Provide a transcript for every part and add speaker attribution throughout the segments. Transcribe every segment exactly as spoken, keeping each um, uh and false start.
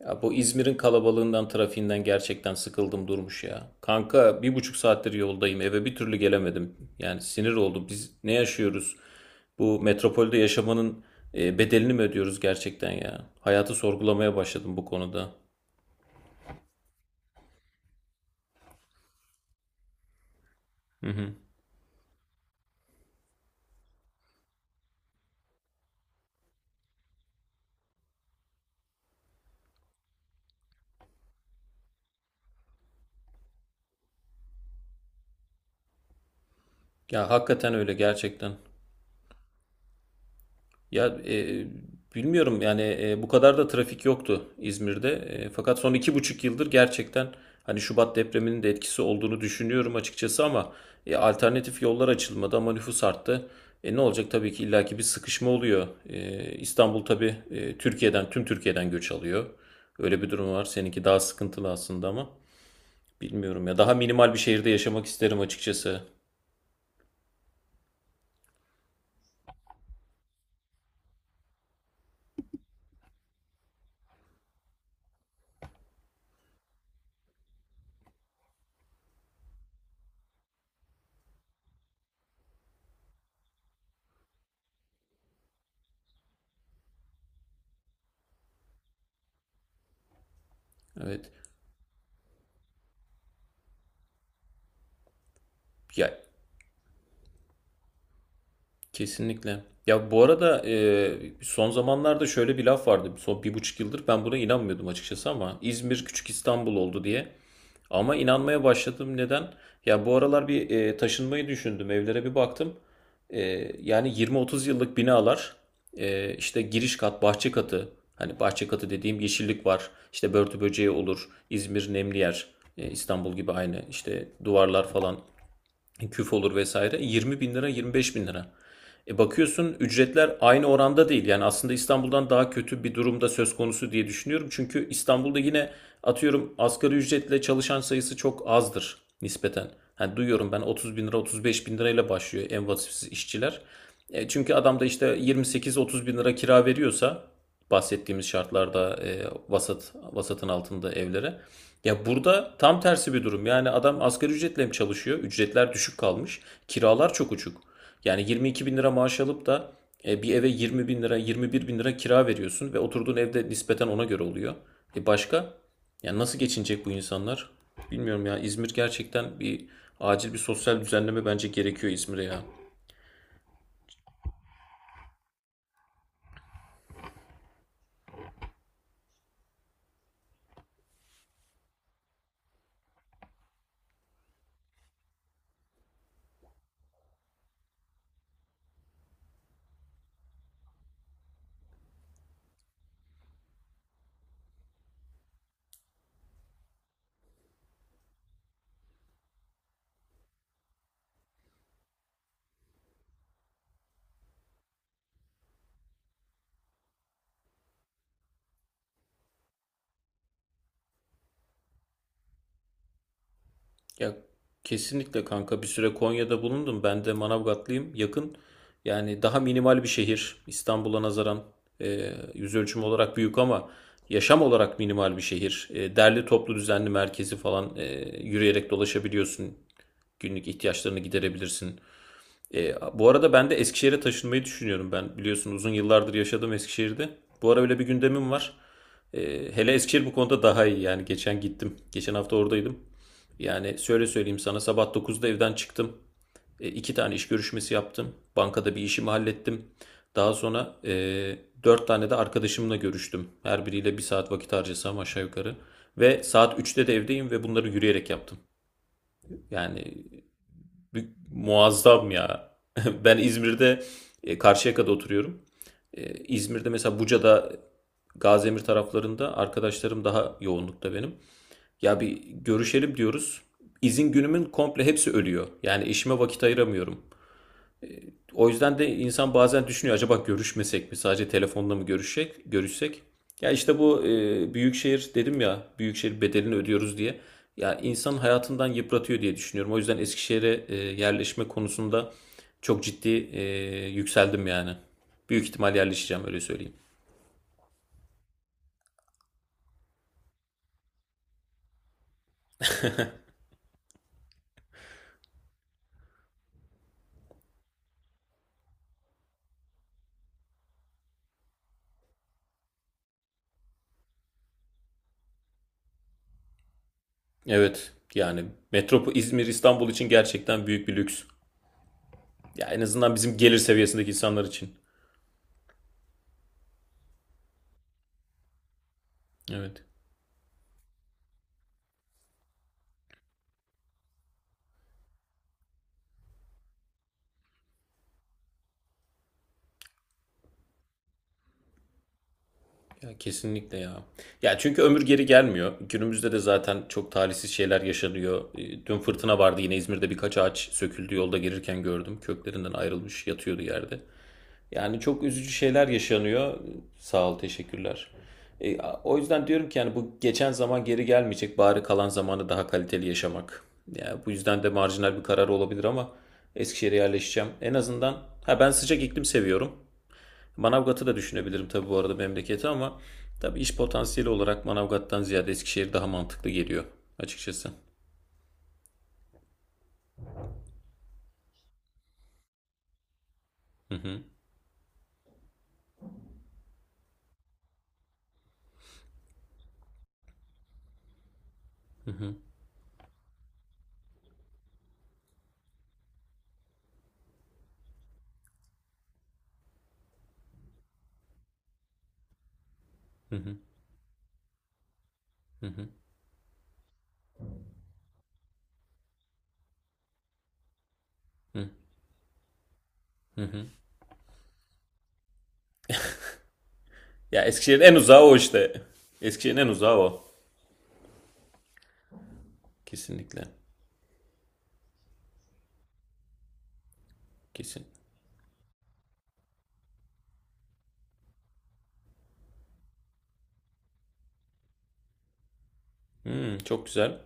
Speaker 1: Ya bu İzmir'in kalabalığından, trafiğinden gerçekten sıkıldım durmuş ya. Kanka bir buçuk saattir yoldayım. Eve bir türlü gelemedim. Yani sinir oldum. Biz ne yaşıyoruz? Bu metropolde yaşamanın e, bedelini mi ödüyoruz gerçekten ya? Hayatı sorgulamaya başladım bu konuda. Hı hı. Ya hakikaten öyle gerçekten. Ya e, bilmiyorum yani e, bu kadar da trafik yoktu İzmir'de. E, fakat son iki buçuk yıldır gerçekten hani Şubat depreminin de etkisi olduğunu düşünüyorum açıkçası ama e, alternatif yollar açılmadı ama nüfus arttı. E, ne olacak tabii ki illaki bir sıkışma oluyor. E, İstanbul tabii e, Türkiye'den tüm Türkiye'den göç alıyor. Öyle bir durum var. Seninki daha sıkıntılı aslında ama bilmiyorum ya daha minimal bir şehirde yaşamak isterim açıkçası. Evet. Ya kesinlikle. Ya bu arada e, son zamanlarda şöyle bir laf vardı. Son bir buçuk yıldır ben buna inanmıyordum açıkçası ama İzmir küçük İstanbul oldu diye. Ama inanmaya başladım. Neden? Ya bu aralar bir e, taşınmayı düşündüm. Evlere bir baktım. E, Yani yirmi otuz yıllık binalar e, işte giriş kat, bahçe katı. Hani bahçe katı dediğim yeşillik var. İşte börtü böceği olur. İzmir nemli yer. E, İstanbul gibi aynı. İşte duvarlar falan küf olur vesaire yirmi bin lira yirmi beş bin lira. E bakıyorsun ücretler aynı oranda değil. Yani aslında İstanbul'dan daha kötü bir durumda söz konusu diye düşünüyorum. Çünkü İstanbul'da yine atıyorum asgari ücretle çalışan sayısı çok azdır nispeten. Hani duyuyorum ben otuz bin lira otuz beş bin lirayla başlıyor en vasıfsız işçiler. E çünkü adam da işte yirmi sekiz otuz bin lira kira veriyorsa bahsettiğimiz şartlarda e, vasat vasatın altında evlere. Ya burada tam tersi bir durum. Yani adam asgari ücretle mi çalışıyor? Ücretler düşük kalmış. Kiralar çok uçuk. Yani yirmi iki bin lira maaş alıp da e, bir eve yirmi bin lira, yirmi bir bin lira kira veriyorsun ve oturduğun evde nispeten ona göre oluyor. E başka? Yani nasıl geçinecek bu insanlar? Bilmiyorum ya. İzmir gerçekten bir acil bir sosyal düzenleme bence gerekiyor İzmir'e ya. Ya kesinlikle kanka bir süre Konya'da bulundum. Ben de Manavgatlıyım. Yakın. Yani daha minimal bir şehir. İstanbul'a nazaran e, yüz ölçümü olarak büyük ama yaşam olarak minimal bir şehir. E, derli toplu düzenli merkezi falan e, yürüyerek dolaşabiliyorsun. Günlük ihtiyaçlarını giderebilirsin. E, bu arada ben de Eskişehir'e taşınmayı düşünüyorum. Ben biliyorsun uzun yıllardır yaşadım Eskişehir'de. Bu ara öyle bir gündemim var. E, Hele Eskişehir bu konuda daha iyi. Yani geçen gittim. Geçen hafta oradaydım. Yani şöyle söyleyeyim sana sabah dokuzda evden çıktım. E, iki tane iş görüşmesi yaptım. Bankada bir işimi hallettim. Daha sonra e, dört tane de arkadaşımla görüştüm. Her biriyle bir saat vakit harcasam aşağı yukarı. Ve saat üçte de evdeyim ve bunları yürüyerek yaptım. Yani muazzam ya. Ben İzmir'de e, Karşıyaka'da oturuyorum. E, İzmir'de mesela Buca'da Gaziemir taraflarında arkadaşlarım daha yoğunlukta benim. Ya bir görüşelim diyoruz. İzin günümün komple hepsi ölüyor. Yani işime vakit ayıramıyorum. O yüzden de insan bazen düşünüyor acaba görüşmesek mi? Sadece telefonla mı görüşsek? Görüşsek? Ya işte bu e, büyükşehir dedim ya büyükşehir bedelini ödüyoruz diye. Ya insan hayatından yıpratıyor diye düşünüyorum. O yüzden Eskişehir'e e, yerleşme konusunda çok ciddi e, yükseldim yani. Büyük ihtimal yerleşeceğim öyle söyleyeyim. Evet yani metropo İzmir İstanbul için gerçekten büyük bir lüks. Ya en azından bizim gelir seviyesindeki insanlar için. Evet. Ya kesinlikle ya. Ya çünkü ömür geri gelmiyor. Günümüzde de zaten çok talihsiz şeyler yaşanıyor. E, Dün fırtına vardı yine İzmir'de birkaç ağaç söküldü yolda gelirken gördüm. Köklerinden ayrılmış yatıyordu yerde. Yani çok üzücü şeyler yaşanıyor. E, Sağ ol, teşekkürler. E, a- o yüzden diyorum ki yani bu geçen zaman geri gelmeyecek. Bari kalan zamanı daha kaliteli yaşamak. Yani bu yüzden de marjinal bir karar olabilir ama Eskişehir'e yerleşeceğim. En azından ha ben sıcak iklim seviyorum. Manavgat'ı da düşünebilirim tabii bu arada memleketi ama tabii iş potansiyeli olarak Manavgat'tan ziyade Eskişehir daha mantıklı geliyor açıkçası. Hı hı. Ya Eskişehir'in en uzağı o işte. Eskişehir'in en uzağı o. Kesinlikle. Kesin. Hmm, çok güzel.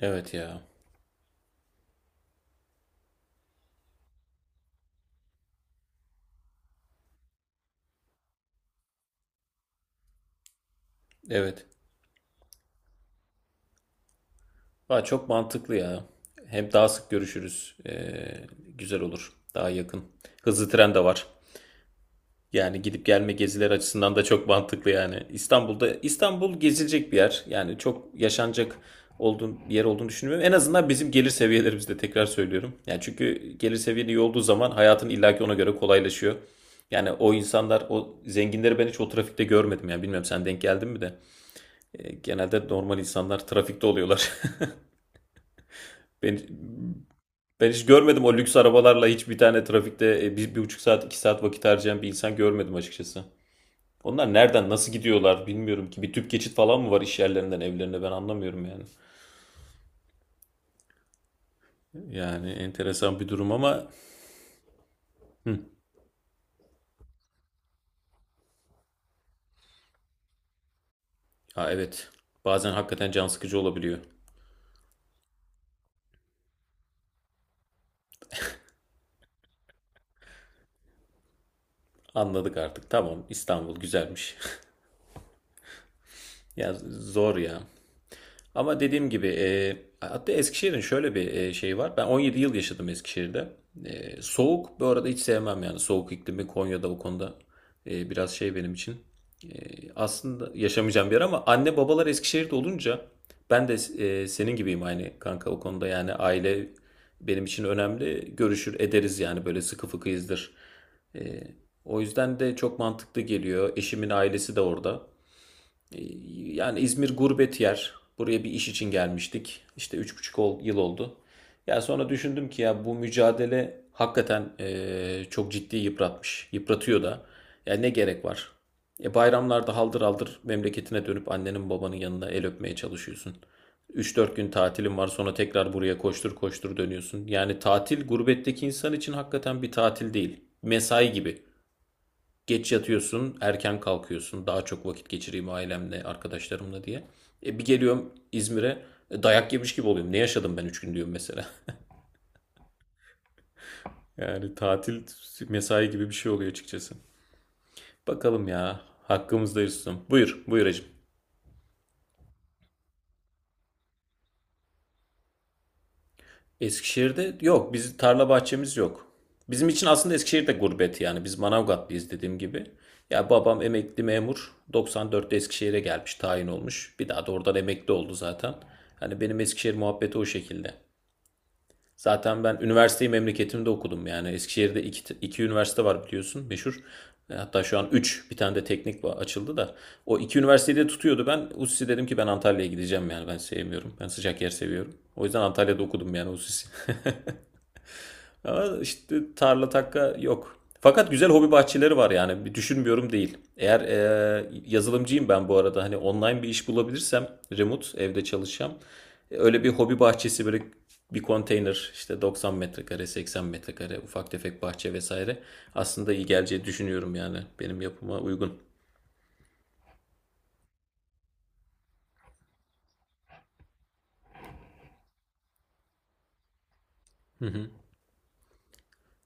Speaker 1: Evet ya. Evet. Aa, çok mantıklı ya. Hem daha sık görüşürüz. Ee, güzel olur. Daha yakın. Hızlı tren de var. Yani gidip gelme geziler açısından da çok mantıklı yani. İstanbul'da İstanbul gezilecek bir yer. Yani çok yaşanacak olduğun bir yer olduğunu düşünmüyorum. En azından bizim gelir seviyelerimizde tekrar söylüyorum. Yani çünkü gelir seviyen iyi olduğu zaman hayatın illaki ona göre kolaylaşıyor. Yani o insanlar, o zenginleri ben hiç o trafikte görmedim. Yani bilmiyorum sen denk geldin mi de. E, genelde normal insanlar trafikte oluyorlar. Ben, ben hiç görmedim o lüks arabalarla hiç bir tane trafikte e, bir, bir buçuk saat, iki saat vakit harcayan bir insan görmedim açıkçası. Onlar nereden nasıl gidiyorlar bilmiyorum ki. Bir tüp geçit falan mı var iş yerlerinden evlerine ben anlamıyorum yani. Yani enteresan bir durum ama ya evet bazen hakikaten can sıkıcı olabiliyor. Anladık artık tamam İstanbul güzelmiş. Ya zor ya. Ama dediğim gibi e, hatta Eskişehir'in şöyle bir e, şeyi var. Ben on yedi yıl yaşadım Eskişehir'de. E, soğuk bu arada hiç sevmem yani. Soğuk iklimi Konya'da o konuda e, biraz şey benim için. E, Aslında yaşamayacağım bir yer ama anne babalar Eskişehir'de olunca ben de e, senin gibiyim aynı kanka o konuda yani aile benim için önemli. Görüşür ederiz yani böyle sıkı fıkıyızdır. E, O yüzden de çok mantıklı geliyor. Eşimin ailesi de orada. E, Yani İzmir gurbet yer. Buraya bir iş için gelmiştik. İşte üç buçuk yıl oldu. Ya sonra düşündüm ki ya bu mücadele hakikaten e, çok ciddi yıpratmış. Yıpratıyor da. Ya ne gerek var? E bayramlarda haldır haldır memleketine dönüp annenin babanın yanına el öpmeye çalışıyorsun. Üç dört gün tatilin var sonra tekrar buraya koştur koştur dönüyorsun. Yani tatil gurbetteki insan için hakikaten bir tatil değil. Mesai gibi. Geç yatıyorsun, erken kalkıyorsun. Daha çok vakit geçireyim ailemle, arkadaşlarımla diye. E bir geliyorum İzmir'e e, dayak yemiş gibi oluyorum. Ne yaşadım ben üç gün diyorum mesela. Yani tatil mesai gibi bir şey oluyor açıkçası. Bakalım ya. Hakkımızdayız ustam. Buyur, buyur hacım. Eskişehir'de yok. Biz tarla bahçemiz yok. Bizim için aslında Eskişehir de gurbet yani. Biz Manavgatlıyız dediğim gibi. Ya babam emekli memur. Doksan dört'te Eskişehir'e gelmiş, tayin olmuş. Bir daha da oradan emekli oldu zaten. Hani benim Eskişehir muhabbeti o şekilde. Zaten ben üniversiteyi memleketimde okudum yani. Eskişehir'de iki, iki üniversite var biliyorsun meşhur. E, Hatta şu an üç, bir tane de teknik açıldı da. O iki üniversiteyi de tutuyordu ben. USİ dedim ki ben Antalya'ya gideceğim yani ben sevmiyorum. Ben sıcak yer seviyorum. O yüzden Antalya'da okudum yani USİ. Ama işte tarla takka yok. Fakat güzel hobi bahçeleri var yani düşünmüyorum değil. Eğer e, yazılımcıyım ben bu arada hani online bir iş bulabilirsem remote evde çalışacağım. E, Öyle bir hobi bahçesi böyle bir konteyner işte doksan metrekare seksen metrekare ufak tefek bahçe vesaire aslında iyi geleceği düşünüyorum yani benim yapıma uygun.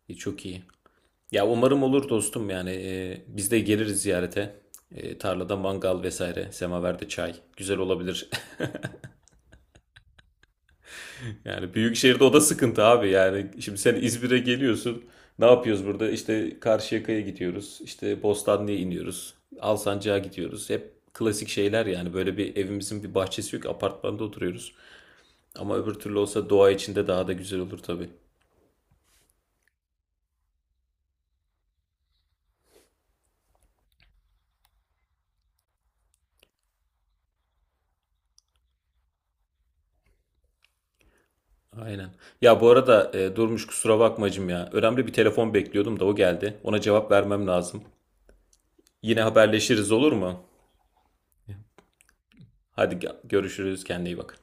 Speaker 1: E, çok iyi. Ya umarım olur dostum yani e, biz de geliriz ziyarete. E, tarlada mangal vesaire semaverde çay güzel olabilir. Yani büyük şehirde o da sıkıntı abi. Yani şimdi sen İzmir'e geliyorsun. Ne yapıyoruz burada? İşte Karşıyaka'ya gidiyoruz. İşte Bostanlı'ya iniyoruz. Alsancak'a gidiyoruz. Hep klasik şeyler yani. Böyle bir evimizin bir bahçesi yok. Apartmanda oturuyoruz. Ama öbür türlü olsa doğa içinde daha da güzel olur tabii. Aynen. Ya bu arada e, Durmuş kusura bakmacım ya. Önemli bir telefon bekliyordum da o geldi. Ona cevap vermem lazım. Yine haberleşiriz olur mu? Hadi gö- görüşürüz. Kendine iyi bak.